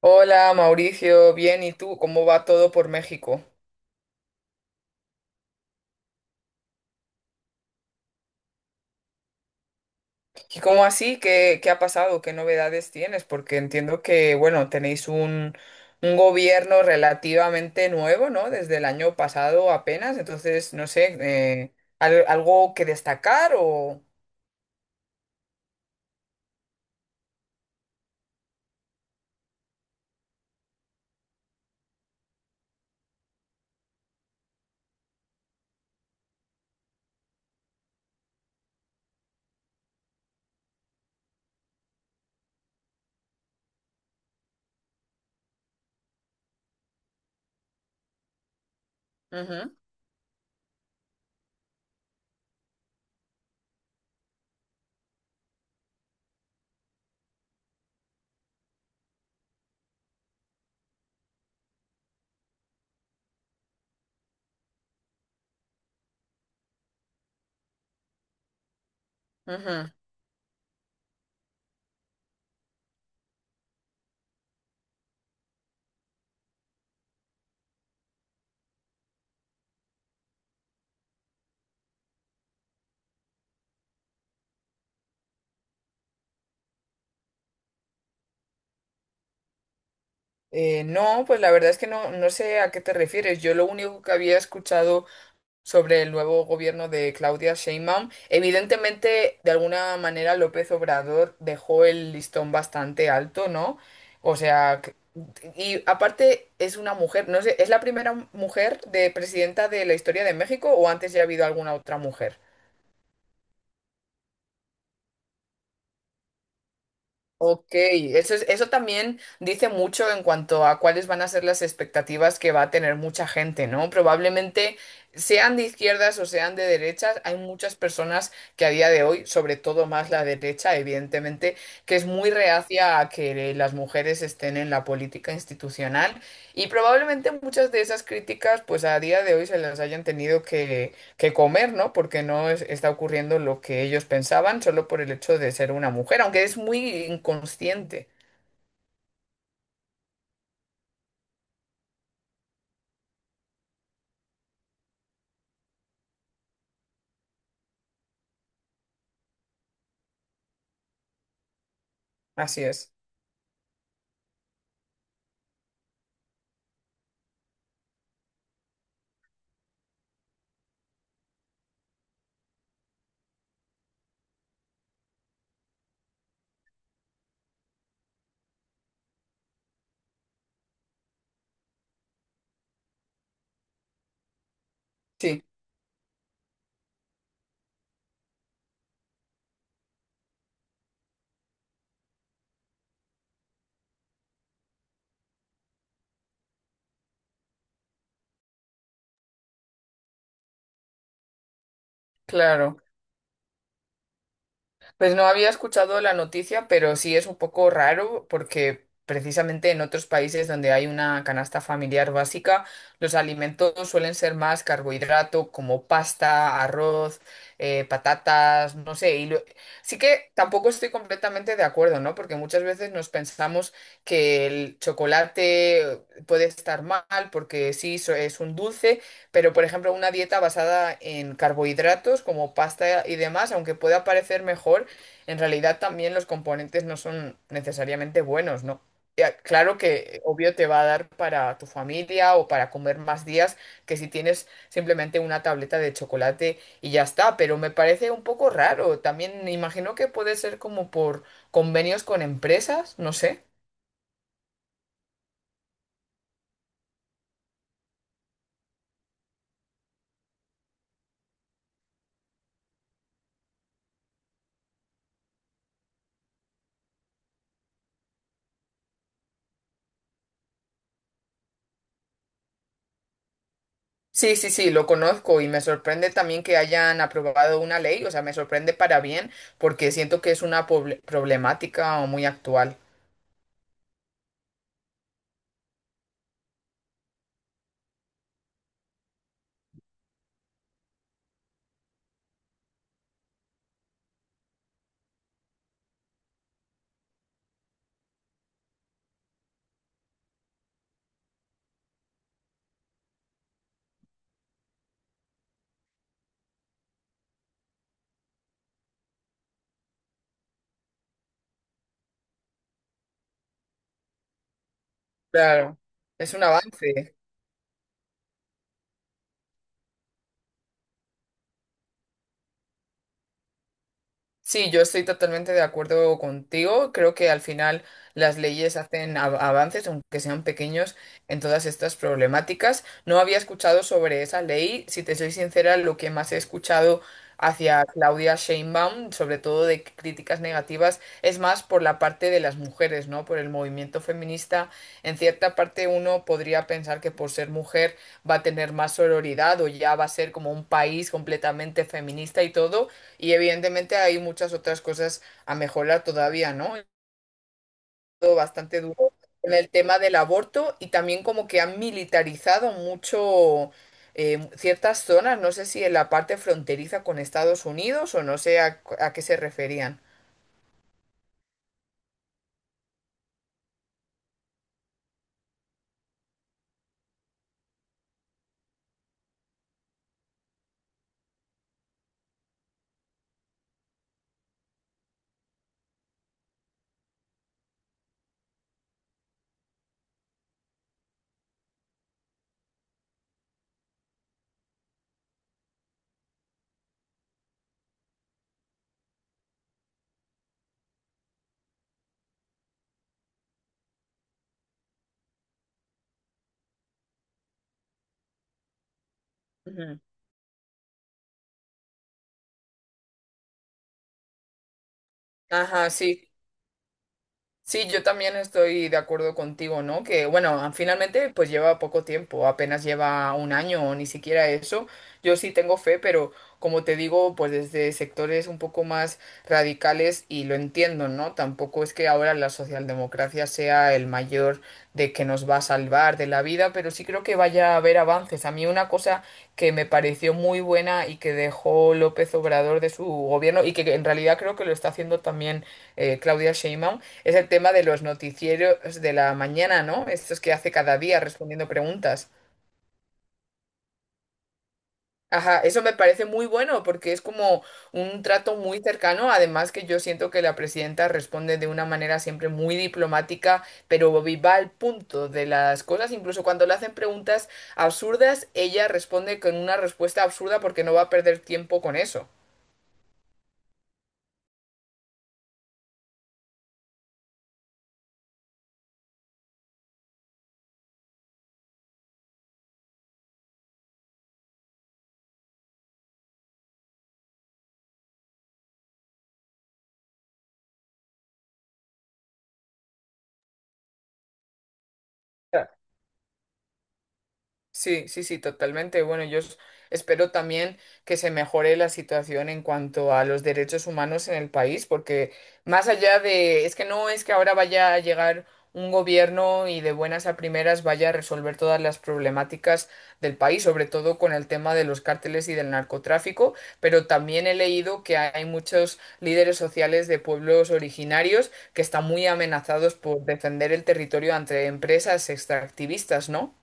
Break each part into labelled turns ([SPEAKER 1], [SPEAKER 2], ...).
[SPEAKER 1] Hola Mauricio, bien, ¿y tú? ¿Cómo va todo por México? ¿Y cómo así? ¿Qué ha pasado? ¿Qué novedades tienes? Porque entiendo que, bueno, tenéis un gobierno relativamente nuevo, ¿no? Desde el año pasado apenas, entonces, no sé, ¿algo que destacar o...? Ujú, ujú. No, pues la verdad es que no, no sé a qué te refieres. Yo lo único que había escuchado sobre el nuevo gobierno de Claudia Sheinbaum. Evidentemente, de alguna manera, López Obrador dejó el listón bastante alto, ¿no? O sea, que- y aparte es una mujer, no sé, ¿es la primera mujer de presidenta de la historia de México o antes ya ha habido alguna otra mujer? Ok, eso es- eso también dice mucho en cuanto a cuáles van a ser las expectativas que va a tener mucha gente, ¿no? Probablemente sean de izquierdas o sean de derechas, hay muchas personas que a día de hoy, sobre todo más la derecha, evidentemente, que es muy reacia a que las mujeres estén en la política institucional y probablemente muchas de esas críticas, pues a día de hoy se las hayan tenido que comer, ¿no? Porque no es- está ocurriendo lo que ellos pensaban solo por el hecho de ser una mujer, aunque es muy inconsciente. Así es. Sí, claro. Pues no había escuchado la noticia, pero sí es un poco raro porque precisamente en otros países donde hay una canasta familiar básica, los alimentos suelen ser más carbohidrato, como pasta, arroz, patatas, no sé. Y lo- sí que tampoco estoy completamente de acuerdo, ¿no? Porque muchas veces nos pensamos que el chocolate puede estar mal porque sí, so- es un dulce. Pero, por ejemplo, una dieta basada en carbohidratos como pasta y demás, aunque pueda parecer mejor, en realidad también los componentes no son necesariamente buenos, ¿no? Ya, claro que obvio te va a dar para tu familia o para comer más días que si tienes simplemente una tableta de chocolate y ya está, pero me parece un poco raro. También me imagino que puede ser como por convenios con empresas, no sé. Sí, sí, sí, lo conozco y me sorprende también que hayan aprobado una ley, o sea, me sorprende para bien porque siento que es una poble- problemática muy actual. Claro, es un avance. Sí, yo estoy totalmente de acuerdo contigo. Creo que al final las leyes hacen av- avances, aunque sean pequeños, en todas estas problemáticas. No había escuchado sobre esa ley. Si te soy sincera, lo que más he escuchado hacia Claudia Sheinbaum, sobre todo de críticas negativas, es más por la parte de las mujeres, ¿no? Por el movimiento feminista. En cierta parte uno podría pensar que por ser mujer va a tener más sororidad o ya va a ser como un país completamente feminista y todo y evidentemente hay muchas otras cosas a mejorar todavía, ¿no? Todo bastante duro en el tema del aborto y también como que han militarizado mucho ciertas zonas, no sé si en la parte fronteriza con Estados Unidos o no sé a qué se referían. Ujú. Ajá, sí. Sí, yo también estoy de acuerdo contigo, ¿no? Que bueno, finalmente pues lleva poco tiempo, apenas lleva un año o ni siquiera eso. Yo sí tengo fe, pero como te digo, pues desde sectores un poco más radicales y lo entiendo, ¿no? Tampoco es que ahora la socialdemocracia sea el mayor de que nos va a salvar de la vida, pero sí creo que vaya a haber avances. A mí una cosa que me pareció muy buena y que dejó López Obrador de su gobierno y que en realidad creo que lo está haciendo también Claudia Sheinbaum es el tema de los noticieros de la mañana, ¿no? Estos que hace cada día respondiendo preguntas. Ajá, eso me parece muy bueno porque es como un trato muy cercano, además que yo siento que la presidenta responde de una manera siempre muy diplomática, pero va al punto de las cosas, incluso cuando le hacen preguntas absurdas, ella responde con una respuesta absurda porque no va a perder tiempo con eso. Sí, sí, sí, totalmente. Bueno, yo s- espero también que se mejore la situación en cuanto a los derechos humanos en el país, porque más allá de, es que no es que ahora vaya a llegar un gobierno y de buenas a primeras vaya a resolver todas las problemáticas del país, sobre todo con el tema de los cárteles y del narcotráfico, pero también he leído que hay muchos líderes sociales de pueblos originarios que están muy amenazados por defender el territorio ante empresas extractivistas, ¿no?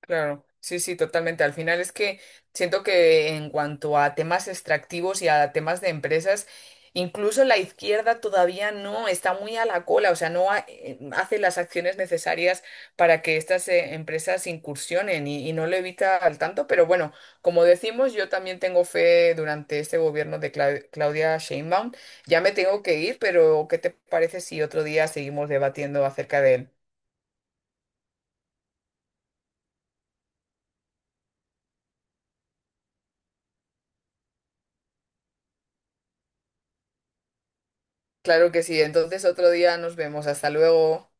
[SPEAKER 1] Claro, sí, sí, totalmente. Al final es que siento que en cuanto a temas extractivos y a temas de empresas, incluso la izquierda todavía no está muy a la cola, o sea, no ha- hace las acciones necesarias para que estas empresas incursionen y no lo evita al tanto. Pero bueno, como decimos, yo también tengo fe durante este gobierno de Cla- Claudia Sheinbaum. Ya me tengo que ir, pero ¿qué te parece si otro día seguimos debatiendo acerca de él? Claro que sí, entonces otro día nos vemos. Hasta luego.